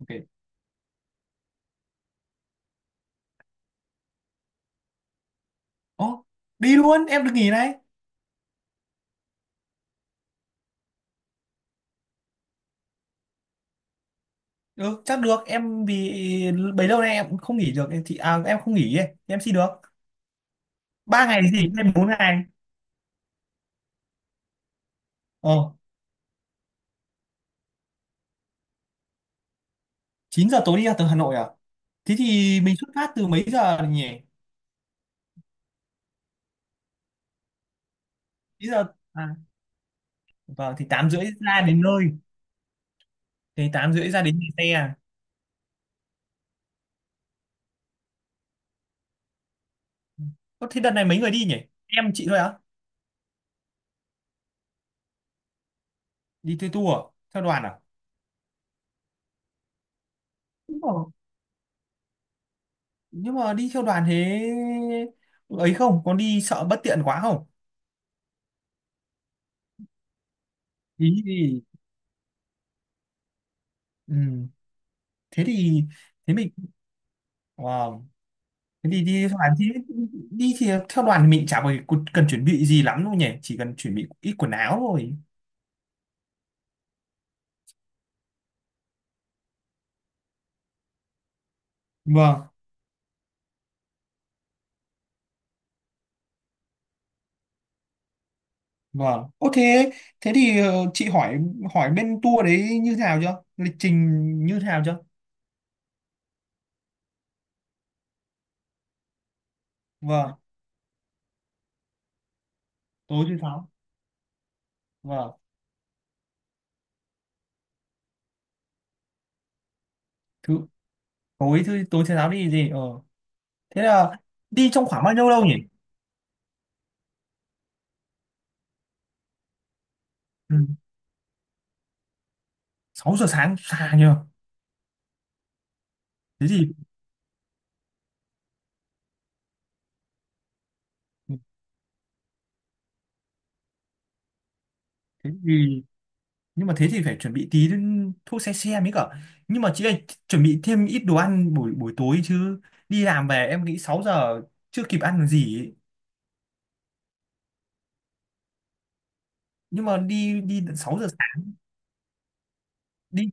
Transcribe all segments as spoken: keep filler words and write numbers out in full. OK. Ồ, đi luôn em được nghỉ này. Ừ, chắc được em vì bấy lâu nay em cũng không nghỉ được em thì à, em không nghỉ ấy. Em xin được ba ngày thì nghỉ thêm bốn ngày. Ờ. Chín giờ tối đi ra từ Hà Nội à? Thế thì mình xuất phát từ mấy giờ nhỉ? Chín giờ. À, vâng, thì tám rưỡi ra đến nơi, thì tám rưỡi ra đến nhà xe à? Ơ, thế đợt này mấy người đi nhỉ? Em chị thôi á? Đi theo tour à? Theo đoàn à? Đúng rồi. Nhưng mà đi theo đoàn thế ấy không có đi sợ bất tiện quá không? Ý thì, ừ, thế thì, thế mình, wow, thế thì đi theo đoàn thì đi thì theo đoàn thì mình chả phải cu- cần chuẩn bị gì lắm đâu nhỉ, chỉ cần chuẩn bị ít quần áo thôi. Vâng. Vâng, ô thế, thế thì ờ, chị hỏi hỏi bên tour đấy như thế nào chưa, lịch trình như thế nào chưa? Vâng. Tối thứ sáu. Vâng. thứ tối thứ Tối thứ sáu đi gì, ờ. Thế là đi trong khoảng bao nhiêu lâu nhỉ? Ừ. sáu giờ sáng xa nhờ. Thế thì, thế thì, nhưng mà thế thì phải chuẩn bị tí thuốc xe, xe mới cả nhưng mà chị ơi chuẩn bị thêm ít đồ ăn buổi buổi tối chứ, đi làm về em nghĩ sáu giờ chưa kịp ăn được gì ấy. Nhưng mà đi đi tận sáu giờ sáng. Đi,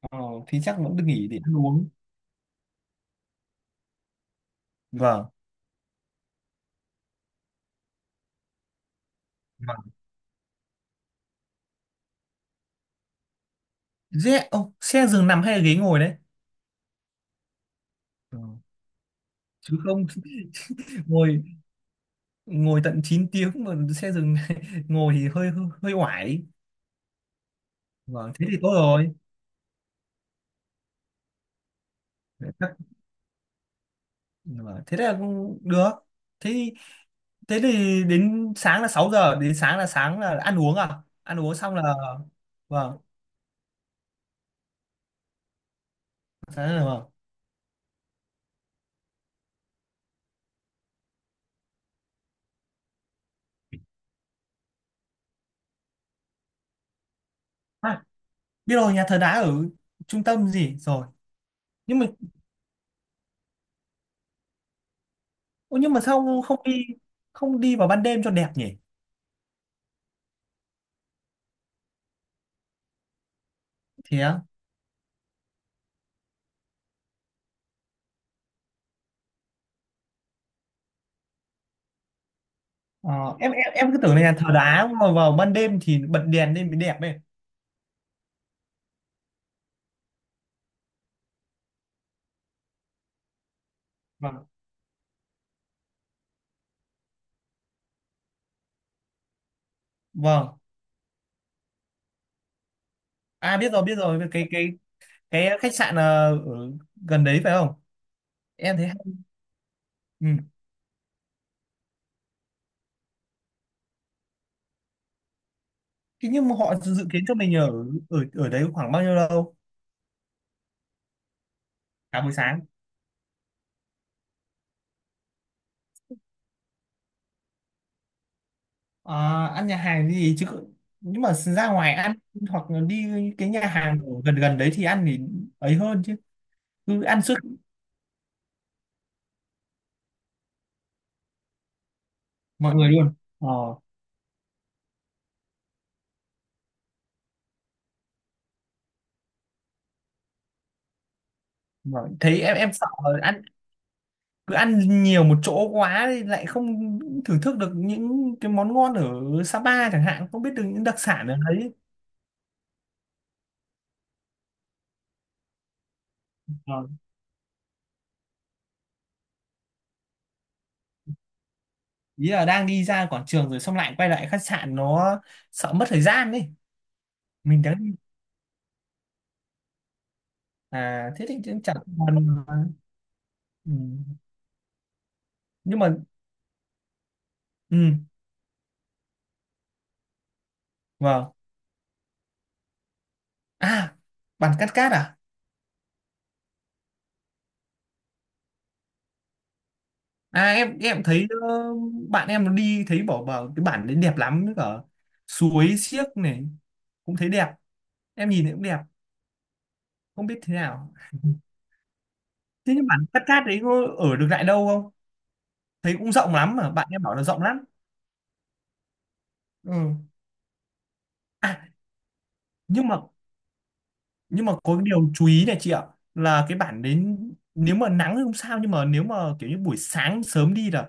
ờ, thì chắc vẫn được nghỉ để ăn uống. Vâng. Vâng, dễ ô, xe giường nằm hay là ghế ngồi đấy? Ờ, chứ không. Ngồi, ngồi tận chín tiếng mà xe giường. Ngồi thì hơi hơi, hơi oải. Vâng, thế thì tốt rồi. Để Chắc- vâng, thế là cũng được. Thế, thế thì đến sáng là sáu giờ đến sáng là sáng là ăn uống à? Ăn uống xong là, vâng, sáng là, vâng. À, biết rồi, nhà thờ đá ở trung tâm gì rồi. Nhưng mà, ô, nhưng mà sao không đi, không đi vào ban đêm cho đẹp nhỉ? Thế á? Ờ, em em em cứ tưởng là nhà thờ đá mà vào ban đêm thì bật đèn lên mới đẹp ấy. Vâng. Vâng, à biết rồi biết rồi, cái cái cái khách sạn ờ, ở gần đấy phải không? Em thấy hay. Ừ. Thế nhưng mà họ dự kiến cho mình ở ở ở đấy khoảng bao nhiêu lâu? Cả buổi sáng. Ờ, ăn nhà hàng gì chứ, nhưng mà ra ngoài ăn hoặc là đi cái nhà hàng ở gần gần đấy thì ăn thì ấy hơn chứ, cứ ăn suốt mọi người luôn, ờ. Mà thấy em em sợ là ăn, cứ ăn nhiều một chỗ quá thì lại không thưởng thức được những cái món ngon ở Sapa chẳng hạn, không biết được những đặc sản ở đấy. Ờ, ý là đang đi ra quảng trường rồi xong lại quay lại khách sạn nó sợ mất thời gian đấy. Mình đang đi, à thế thì chẳng còn. Ừ. Nhưng mà, ừ, vâng. À, bản cắt cát à? À, em em thấy, ờ, bạn em nó đi thấy bảo bảo cái bản đấy đẹp lắm, với cả suối xiếc này cũng thấy đẹp. Em nhìn thấy cũng đẹp, không biết thế nào. Thế nhưng bản cắt cát đấy có ở được lại đâu không? Thấy cũng rộng lắm, mà bạn em bảo là rộng lắm. Ừ. À, nhưng mà, nhưng mà có cái điều chú ý này chị ạ, là cái bản đến nếu mà nắng thì không sao, nhưng mà nếu mà kiểu như buổi sáng sớm đi là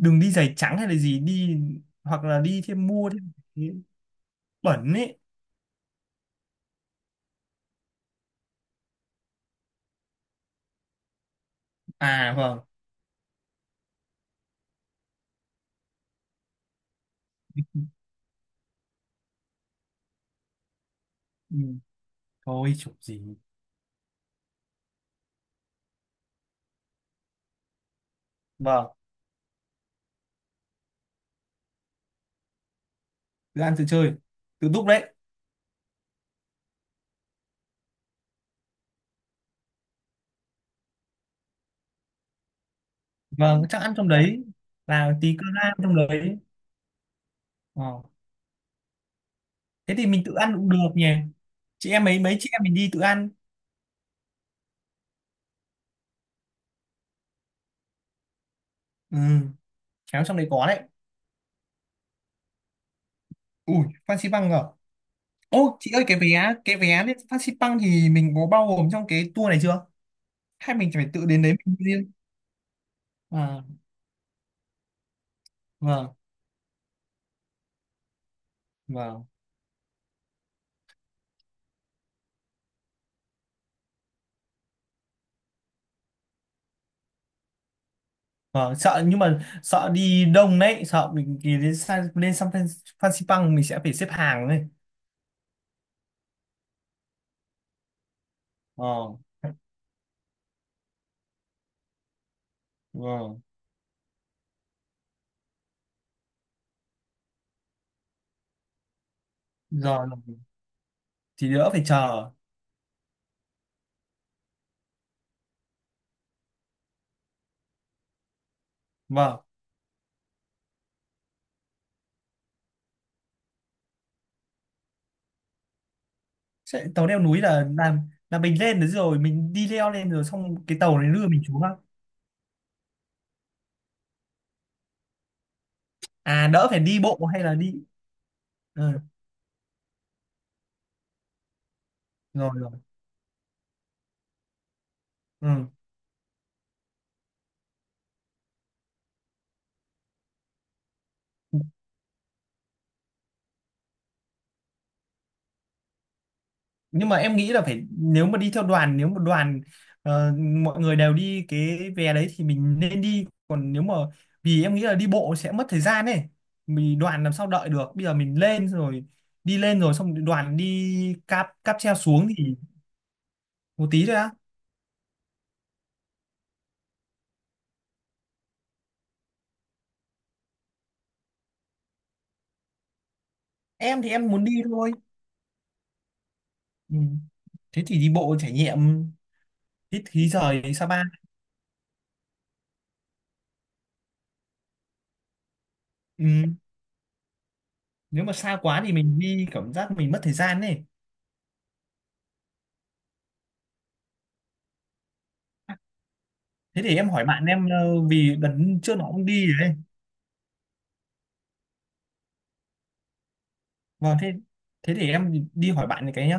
đừng đi giày trắng hay là gì, đi hoặc là đi thêm, mua thêm, bẩn ấy. À vâng. Ừ. Thôi chụp gì. Vâng. Tự ăn tự chơi, tự đúc đấy. Vâng, chắc ăn trong đấy, là tí cơm lam trong đấy. Ờ. Thế thì mình tự ăn cũng được nhỉ, chị em, mấy mấy chị em mình đi tự ăn. Ừ, khéo trong đấy có đấy. Ui, Phan Xi Păng à? Ô chị ơi, cái vé cái vé lên Phan Xi Păng thì mình có bao gồm trong cái tour này chưa, hay mình phải tự đến đấy mình riêng? À vâng. Vâng. Ờ, sợ nhưng mà sợ đi đông đấy, sợ mình thì đến Sa- lên sang Phan, Phan Xipang mình sẽ phải xếp hàng đấy. Ờ. Vâng. Rồi, thì đỡ phải chờ. Vâng. Sẽ, tàu leo núi là làm, là mình lên đấy rồi mình đi leo lên rồi xong cái tàu này đưa mình xuống á? À, đỡ phải đi bộ hay là đi. Ừ. Rồi, rồi. Ừ. Nhưng mà em nghĩ là phải, nếu mà đi theo đoàn, nếu mà đoàn ờ, mọi người đều đi cái vé đấy thì mình nên đi, còn nếu mà, vì em nghĩ là đi bộ sẽ mất thời gian ấy, mình đoàn làm sao đợi được, bây giờ mình lên rồi đi lên rồi xong đoàn đi cáp cáp treo xuống thì một tí thôi á. Em thì em muốn đi thôi. Ừ, thế thì đi bộ trải nghiệm, hít khí trời Sapa. Ừ. Nếu mà xa quá thì mình đi cảm giác mình mất thời gian ấy. Thế thì em hỏi bạn em, ờ, vì đợt trước nó cũng đi đấy. Vâng, thế, thế thì em đi hỏi bạn này cái nhá.